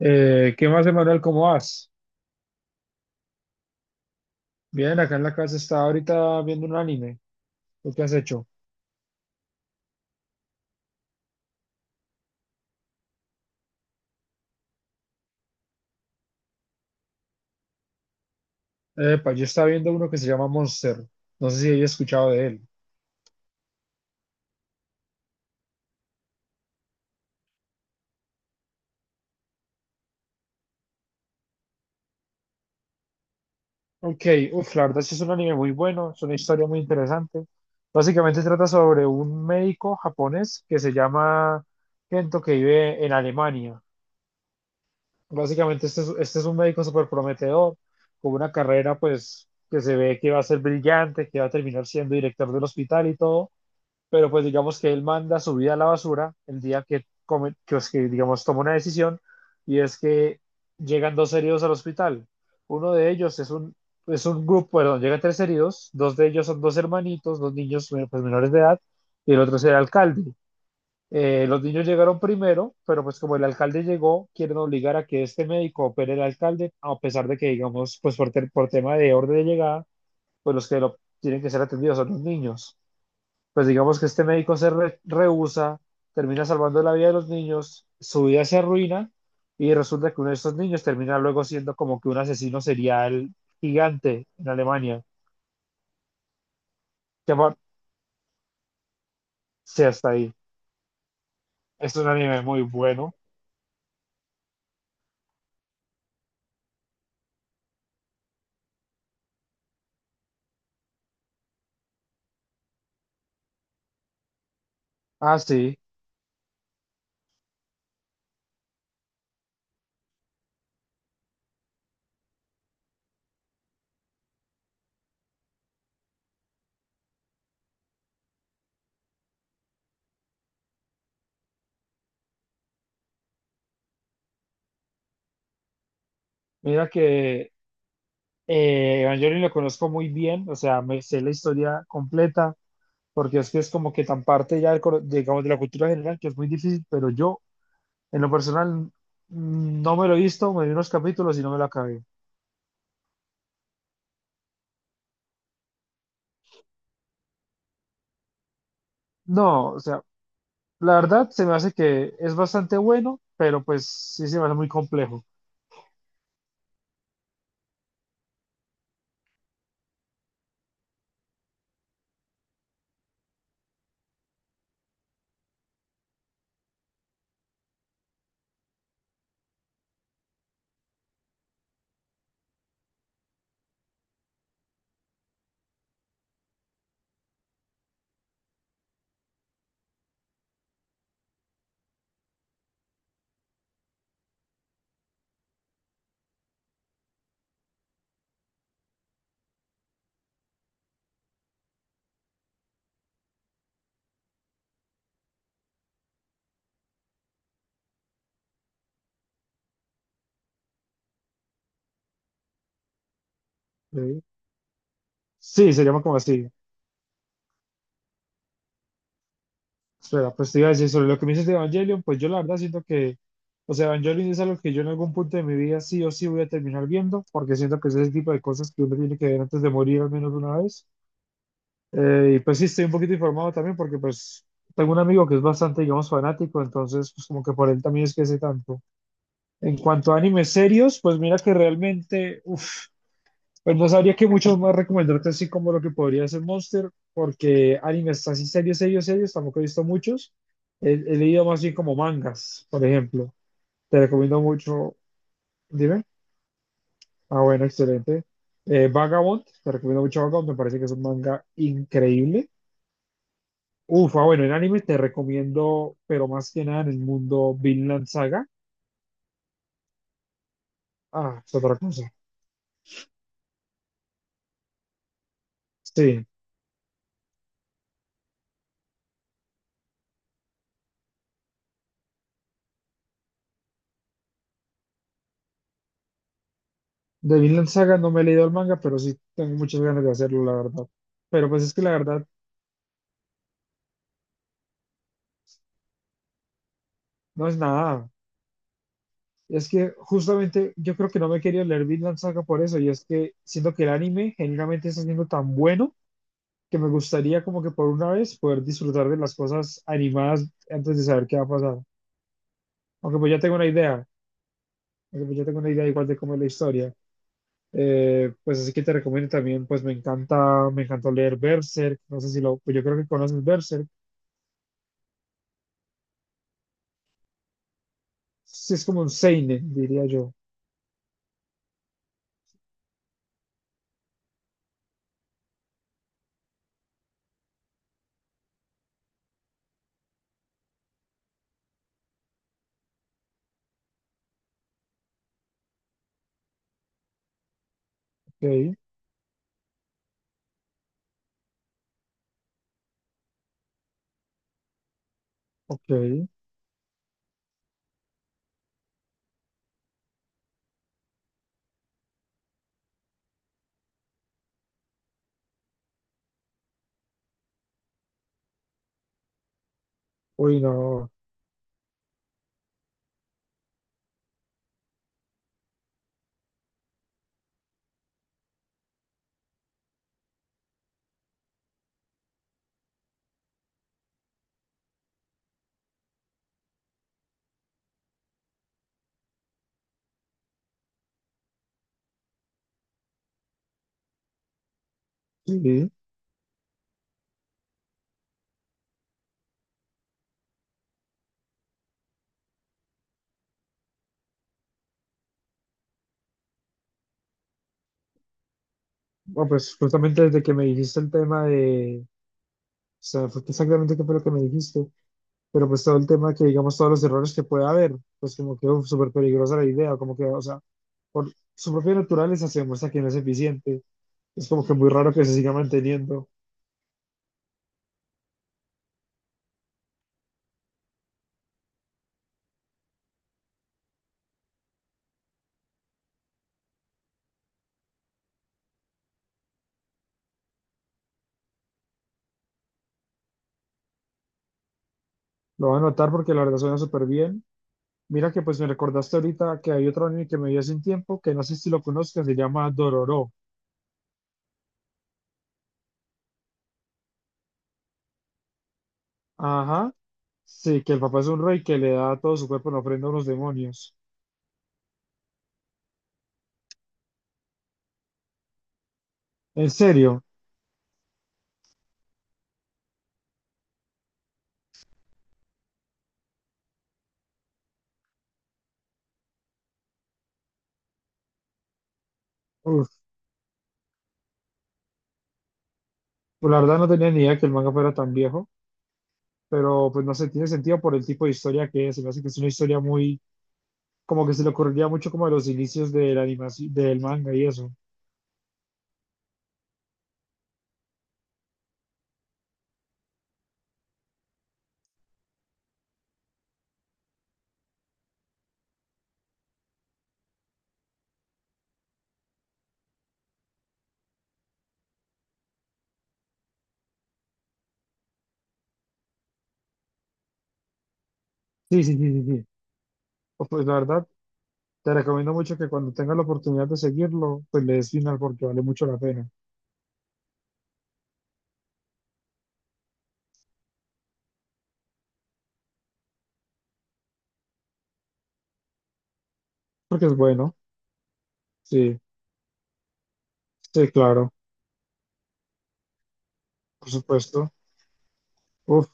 ¿Qué más, Emanuel? ¿Cómo vas? Bien, acá en la casa estaba ahorita viendo un anime. ¿Tú qué has hecho? Epa, yo estaba viendo uno que se llama Monster. No sé si hayas escuchado de él. Ok, uf, la verdad sí es un anime muy bueno, es una historia muy interesante. Básicamente trata sobre un médico japonés que se llama Kento que vive en Alemania. Básicamente este es un médico súper prometedor, con una carrera pues que se ve que va a ser brillante, que va a terminar siendo director del hospital y todo, pero pues digamos que él manda su vida a la basura el día que, digamos, toma una decisión y es que llegan dos heridos al hospital. Uno de ellos es un grupo, perdón, llegan tres heridos, dos de ellos son dos hermanitos, dos niños, pues, menores de edad, y el otro es el alcalde. Los niños llegaron primero, pero pues como el alcalde llegó, quieren obligar a que este médico opere al alcalde, a pesar de que, digamos, pues por, por tema de orden de llegada, pues los que lo tienen que ser atendidos son los niños. Pues digamos que este médico se rehúsa, termina salvando la vida de los niños, su vida se arruina y resulta que uno de estos niños termina luego siendo como que un asesino serial gigante en Alemania. Que apar- sí, hasta ahí. Es un anime muy bueno. Ah, sí. Mira que Evangelion lo conozco muy bien, o sea, me sé la historia completa, porque es que es como que tan parte ya, digamos, de la cultura general que es muy difícil, pero yo, en lo personal, no me lo he visto, me vi unos capítulos y no me lo acabé. No, o sea, la verdad se me hace que es bastante bueno, pero pues sí se me hace muy complejo. ¿Sí? Sí, se llama como así. Espera, pues te iba a decir sobre lo que me dices de Evangelion, pues yo la verdad siento que, o sea, Evangelion es algo que yo en algún punto de mi vida sí o sí voy a terminar viendo, porque siento que es ese tipo de cosas que uno tiene que ver antes de morir al menos una vez. Y pues sí, estoy un poquito informado también porque pues tengo un amigo que es bastante, digamos, fanático, entonces pues como que por él también es que sé tanto. En cuanto a animes serios, pues mira que realmente, uff. Pues no sabría que mucho más recomendarte así como lo que podría ser Monster, porque animes así serios, serios, serios, tampoco he visto muchos. He leído más bien como mangas, por ejemplo. Te recomiendo mucho, dime. Ah, bueno, excelente. Vagabond, te recomiendo mucho Vagabond, me parece que es un manga increíble. Uf, ah, bueno, en anime te recomiendo, pero más que nada en el mundo Vinland Saga. Ah, es otra cosa. Sí, de Vinland Saga no me he leído el manga, pero sí tengo muchas ganas de hacerlo, la verdad. Pero pues es que la verdad no es nada. Es que justamente yo creo que no me quería leer Vinland Saga por eso, y es que siento que el anime generalmente está siendo tan bueno que me gustaría como que por una vez poder disfrutar de las cosas animadas antes de saber qué va a pasar. Aunque pues ya tengo una idea, aunque pues ya tengo una idea igual de cómo es la historia. Pues así que te recomiendo también, pues me encantó leer Berserk, no sé si lo, pues yo creo que conoces Berserk, sí es como un seinen, diría yo. Ok, ok, uy no, sí. Bueno, pues justamente desde que me dijiste el tema de, o sea, fue exactamente qué fue lo que me dijiste, pero pues todo el tema que digamos todos los errores que puede haber, pues como que uf, súper peligrosa la idea, como que, o sea, por su propia naturaleza se demuestra que no es eficiente, es como que muy raro que se siga manteniendo. Lo voy a anotar porque la verdad suena súper bien. Mira que pues me recordaste ahorita que hay otro anime que me vi hace un tiempo, que no sé si lo conozcas, se llama Dororo. Ajá, sí, que el papá es un rey que le da todo su cuerpo en ofrenda a unos demonios. ¿En serio? Pues la verdad no tenía ni idea que el manga fuera tan viejo, pero pues no sé, tiene sentido por el tipo de historia que es. Se me hace que es una historia muy, como que se le ocurriría mucho como de los inicios de la animación, del manga y eso. Sí, sí, sí, sí, sí. O, pues la verdad, te recomiendo mucho que cuando tengas la oportunidad de seguirlo, pues le des final porque vale mucho la pena. Porque es bueno, sí, sí, claro, por supuesto. Uf,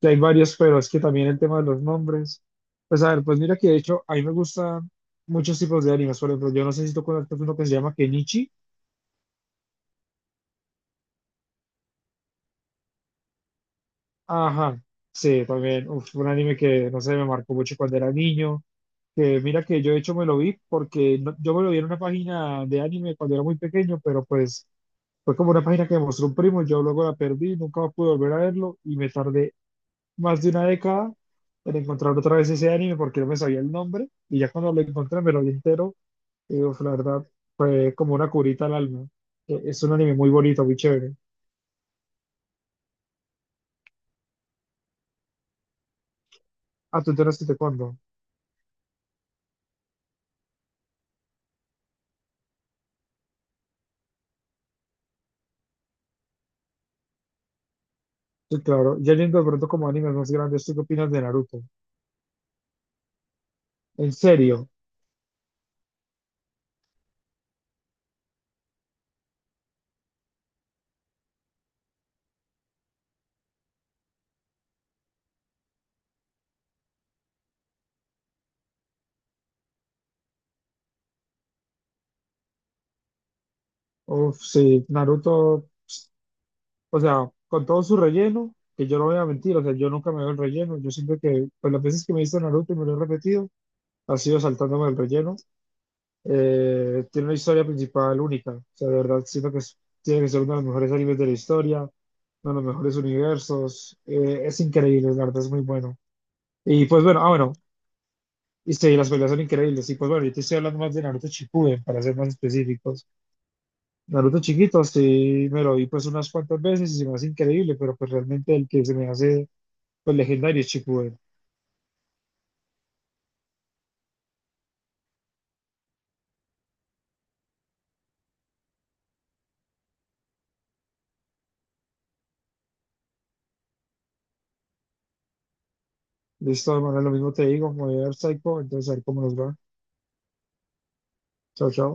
que hay varios, pero es que también el tema de los nombres. Pues a ver, pues mira que de hecho a mí me gustan muchos tipos de animes. Por ejemplo, yo no sé si tú conoces uno que se llama Kenichi. Ajá, sí, también. Uf, un anime que, no sé, me marcó mucho cuando era niño. Que mira que yo de hecho me lo vi porque yo me lo vi en una página de anime cuando era muy pequeño, pero pues fue como una página que me mostró un primo, yo luego la perdí, nunca pude volver a verlo y me tardé más de una década en encontrar otra vez ese anime porque no me sabía el nombre y ya cuando lo encontré me lo vi entero y uf, la verdad fue como una curita al alma. Es un anime muy bonito, muy chévere. Ah, tú tienes que te cuento. Sí, claro. Ya yendo de pronto como animes más grandes, ¿tú qué opinas de Naruto? En serio. Uf, sí, Naruto, o sea, con todo su relleno, que yo no voy a mentir, o sea, yo nunca me veo el relleno. Yo siempre que, pues las veces que me he visto Naruto y me lo he repetido, ha sido saltándome el relleno. Tiene una historia principal única. O sea, de verdad, siento que tiene que ser uno de los mejores animes de la historia, uno de los mejores universos. Es increíble, la verdad, es muy bueno. Y pues bueno, ah, bueno, y sí, las peleas son increíbles. Y pues bueno, yo te estoy hablando más de Naruto Shippuden, para ser más específicos. Naruto chiquito, sí, me lo vi pues unas cuantas veces y se me hace increíble, pero pues realmente el que se me hace pues legendario es Shippuden. De esta manera lo mismo te digo, como de Psycho, entonces a ver cómo nos va. Chao, chao.